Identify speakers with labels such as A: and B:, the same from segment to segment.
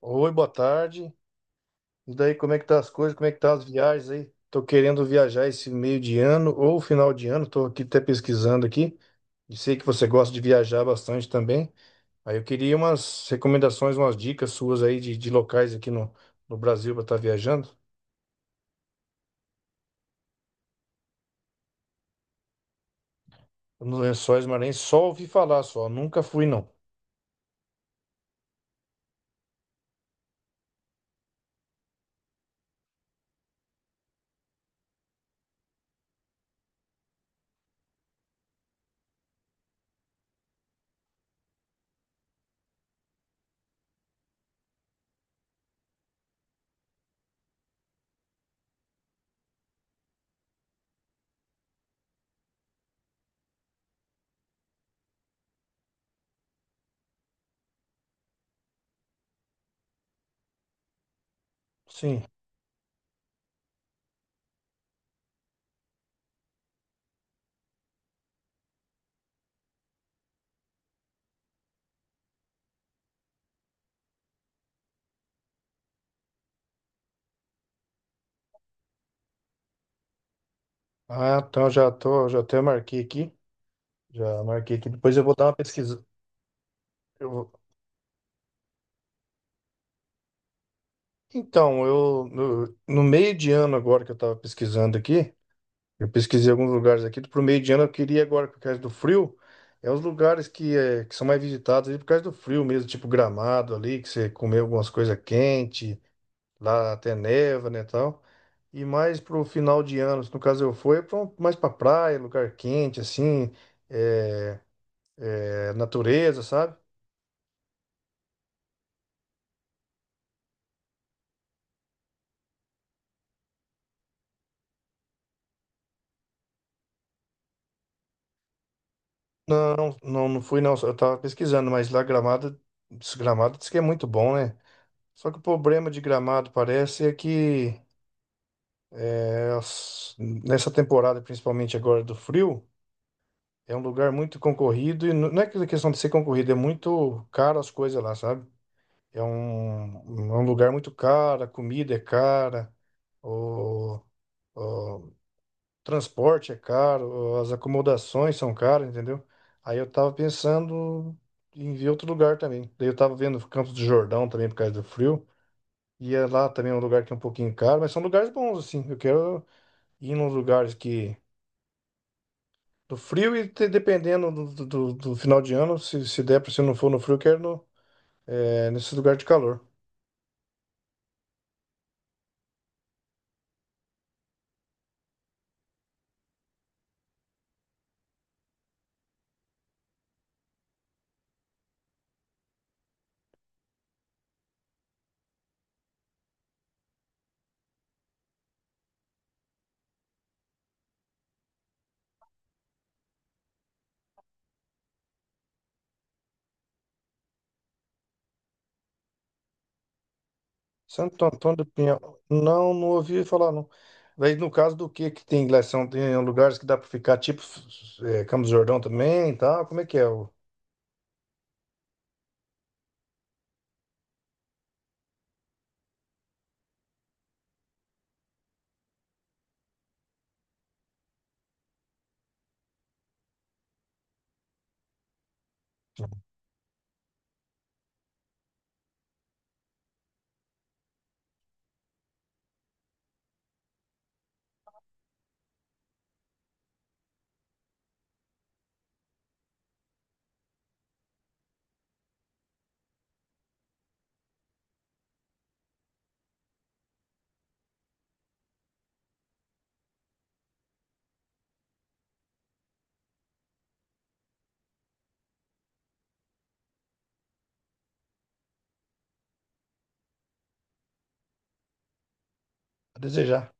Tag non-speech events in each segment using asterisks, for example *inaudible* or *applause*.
A: Oi, boa tarde. E daí, como é que tá as coisas? Como é que tá as viagens aí? Tô querendo viajar esse meio de ano ou final de ano. Tô aqui até pesquisando aqui. E sei que você gosta de viajar bastante também. Aí eu queria umas recomendações, umas dicas suas aí de locais aqui no, no Brasil para estar viajando. Nos Lençóis Maranhenses, só ouvi falar só. Nunca fui, não. Sim. Ah, então já tô, já até marquei aqui. Já marquei aqui. Depois eu vou dar uma pesquisa. Eu vou- Então, eu no, no meio de ano agora que eu estava pesquisando aqui. Eu pesquisei alguns lugares aqui. Pro meio de ano eu queria ir agora por causa do frio. É os lugares que, é, que são mais visitados ali por causa do frio mesmo, tipo Gramado ali, que você comeu algumas coisas quentes, lá até neva, né, tal. E mais pro final de ano, no caso eu fui, é pra mais pra praia, lugar quente, assim, é, natureza, sabe? Não, não, não fui não, eu tava pesquisando, mas lá Gramado, Gramado diz que é muito bom, né? Só que o problema de Gramado parece é que nessa temporada, principalmente agora do frio, é um lugar muito concorrido e não é aquela questão de ser concorrido, é muito caro as coisas lá, sabe? É um, um, é um lugar muito caro, a comida é cara, o, o transporte é caro, as acomodações são caras, entendeu? Aí eu tava pensando em ver outro lugar também. Daí eu tava vendo Campos do Jordão também por causa do frio. E é lá também é um lugar que é um pouquinho caro, mas são lugares bons, assim. Eu quero ir nos lugares que do frio e dependendo do, do, do final de ano, se der para se não for no frio, eu quero no, é, nesse lugar de calor. Santo Antônio do Pinhal. Não, não ouvi falar, não. Daí, no caso do que tem lá? São, tem lugares que dá para ficar, tipo é, Campos do Jordão também e tal. Como é que é? O, a desejar.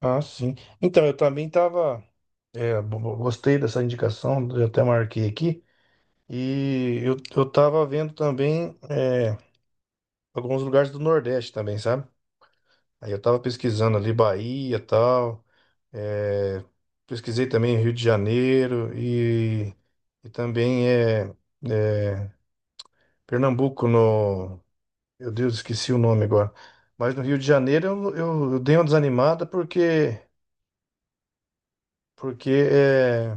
A: Ah, sim. Então, eu também tava. É, gostei dessa indicação, eu até marquei aqui. E eu tava vendo também é, alguns lugares do Nordeste também, sabe? Aí eu tava pesquisando ali Bahia e tal. É, pesquisei também Rio de Janeiro e também é, Pernambuco no. Meu Deus, esqueci o nome agora. Mas no Rio de Janeiro eu dei uma desanimada porque, porque é,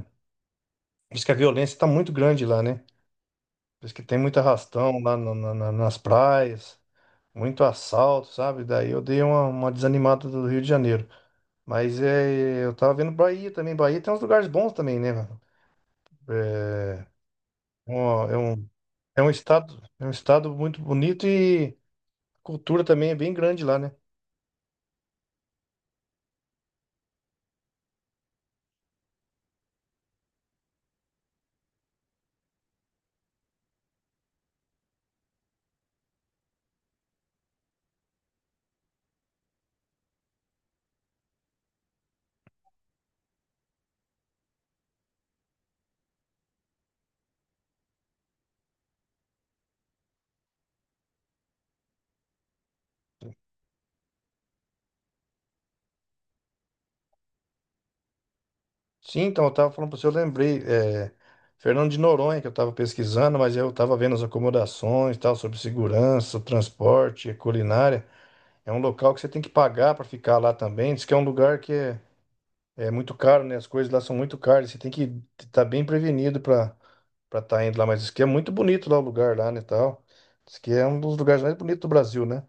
A: diz que a violência está muito grande lá, né? Diz que tem muito arrastão lá nas praias, muito assalto, sabe? Daí eu dei uma desanimada do Rio de Janeiro. Mas é, eu tava vendo Bahia também. Bahia tem uns lugares bons também, né, mano? É um, é um, é um estado muito bonito e a cultura também é bem grande lá, né? Sim, então eu tava falando pra você, eu lembrei, é, Fernando de Noronha, que eu tava pesquisando, mas eu tava vendo as acomodações, e tal, sobre segurança, transporte, culinária. É um local que você tem que pagar pra ficar lá também. Diz que é um lugar que é é muito caro, né? As coisas lá são muito caras. Você tem que estar bem prevenido para para estar indo lá. Mas isso que é muito bonito lá o lugar lá, né, tal. Isso que é um dos lugares mais bonitos do Brasil, né?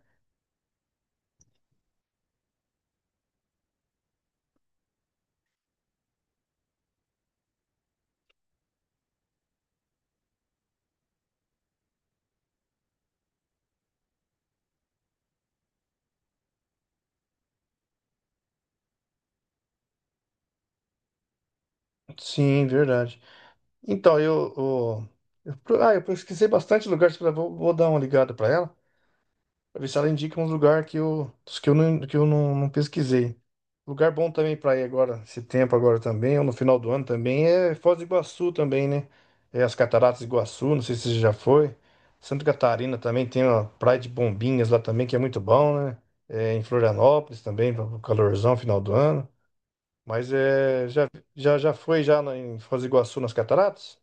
A: Sim, verdade. Então, eu, eu, ah, eu pesquisei bastante lugares para vou, vou dar uma ligada para ela. Pra ver se ela indica uns lugar que eu, dos que eu não, não pesquisei. Lugar bom também pra ir agora, esse tempo agora também, ou no final do ano também, é Foz do Iguaçu também, né? É as Cataratas do Iguaçu, não sei se você já foi. Santa Catarina também tem uma praia de Bombinhas lá também, que é muito bom, né? É, em Florianópolis também, para o calorzão, final do ano. Mas é, já, já, já foi já em Foz do Iguaçu nas Cataratas?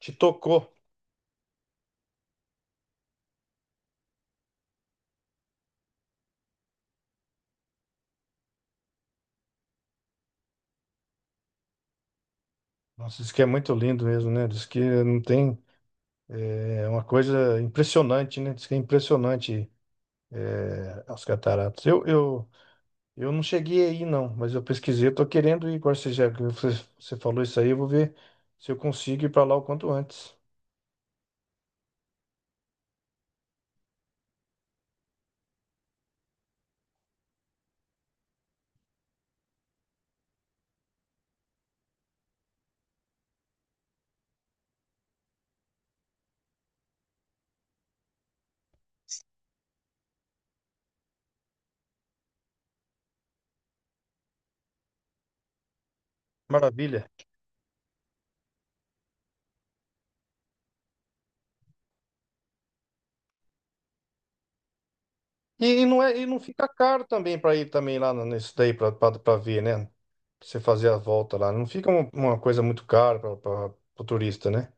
A: Te tocou. Nossa, isso que é muito lindo mesmo, né? Diz que não tem. É uma coisa impressionante, né? Diz que é impressionante as cataratas. Eu não cheguei aí, não, mas eu pesquisei, eu tô querendo ir. Agora você já que você, você falou isso aí, eu vou ver se eu consigo ir para lá o quanto antes. Maravilha. E não é, e não fica caro também para ir também lá nesse daí para ver, né? Pra você fazer a volta lá. Não fica uma coisa muito cara para o turista, né?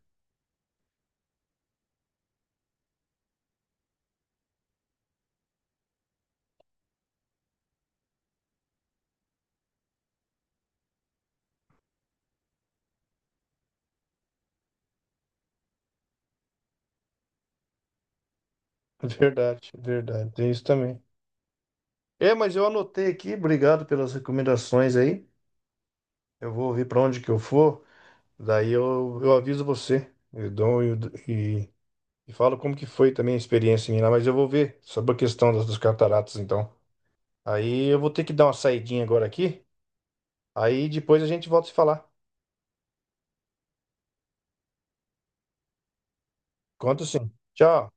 A: *laughs* Verdade, verdade. Tem isso também. É, mas eu anotei aqui, obrigado pelas recomendações aí. Eu vou ver para onde que eu for, daí eu aviso você. Eu dou e, e falo como que foi também a experiência minha lá, mas eu vou ver sobre a questão das, das cataratas, então. Aí eu vou ter que dar uma saidinha agora aqui, aí depois a gente volta a se falar. Conto sim. Tchau.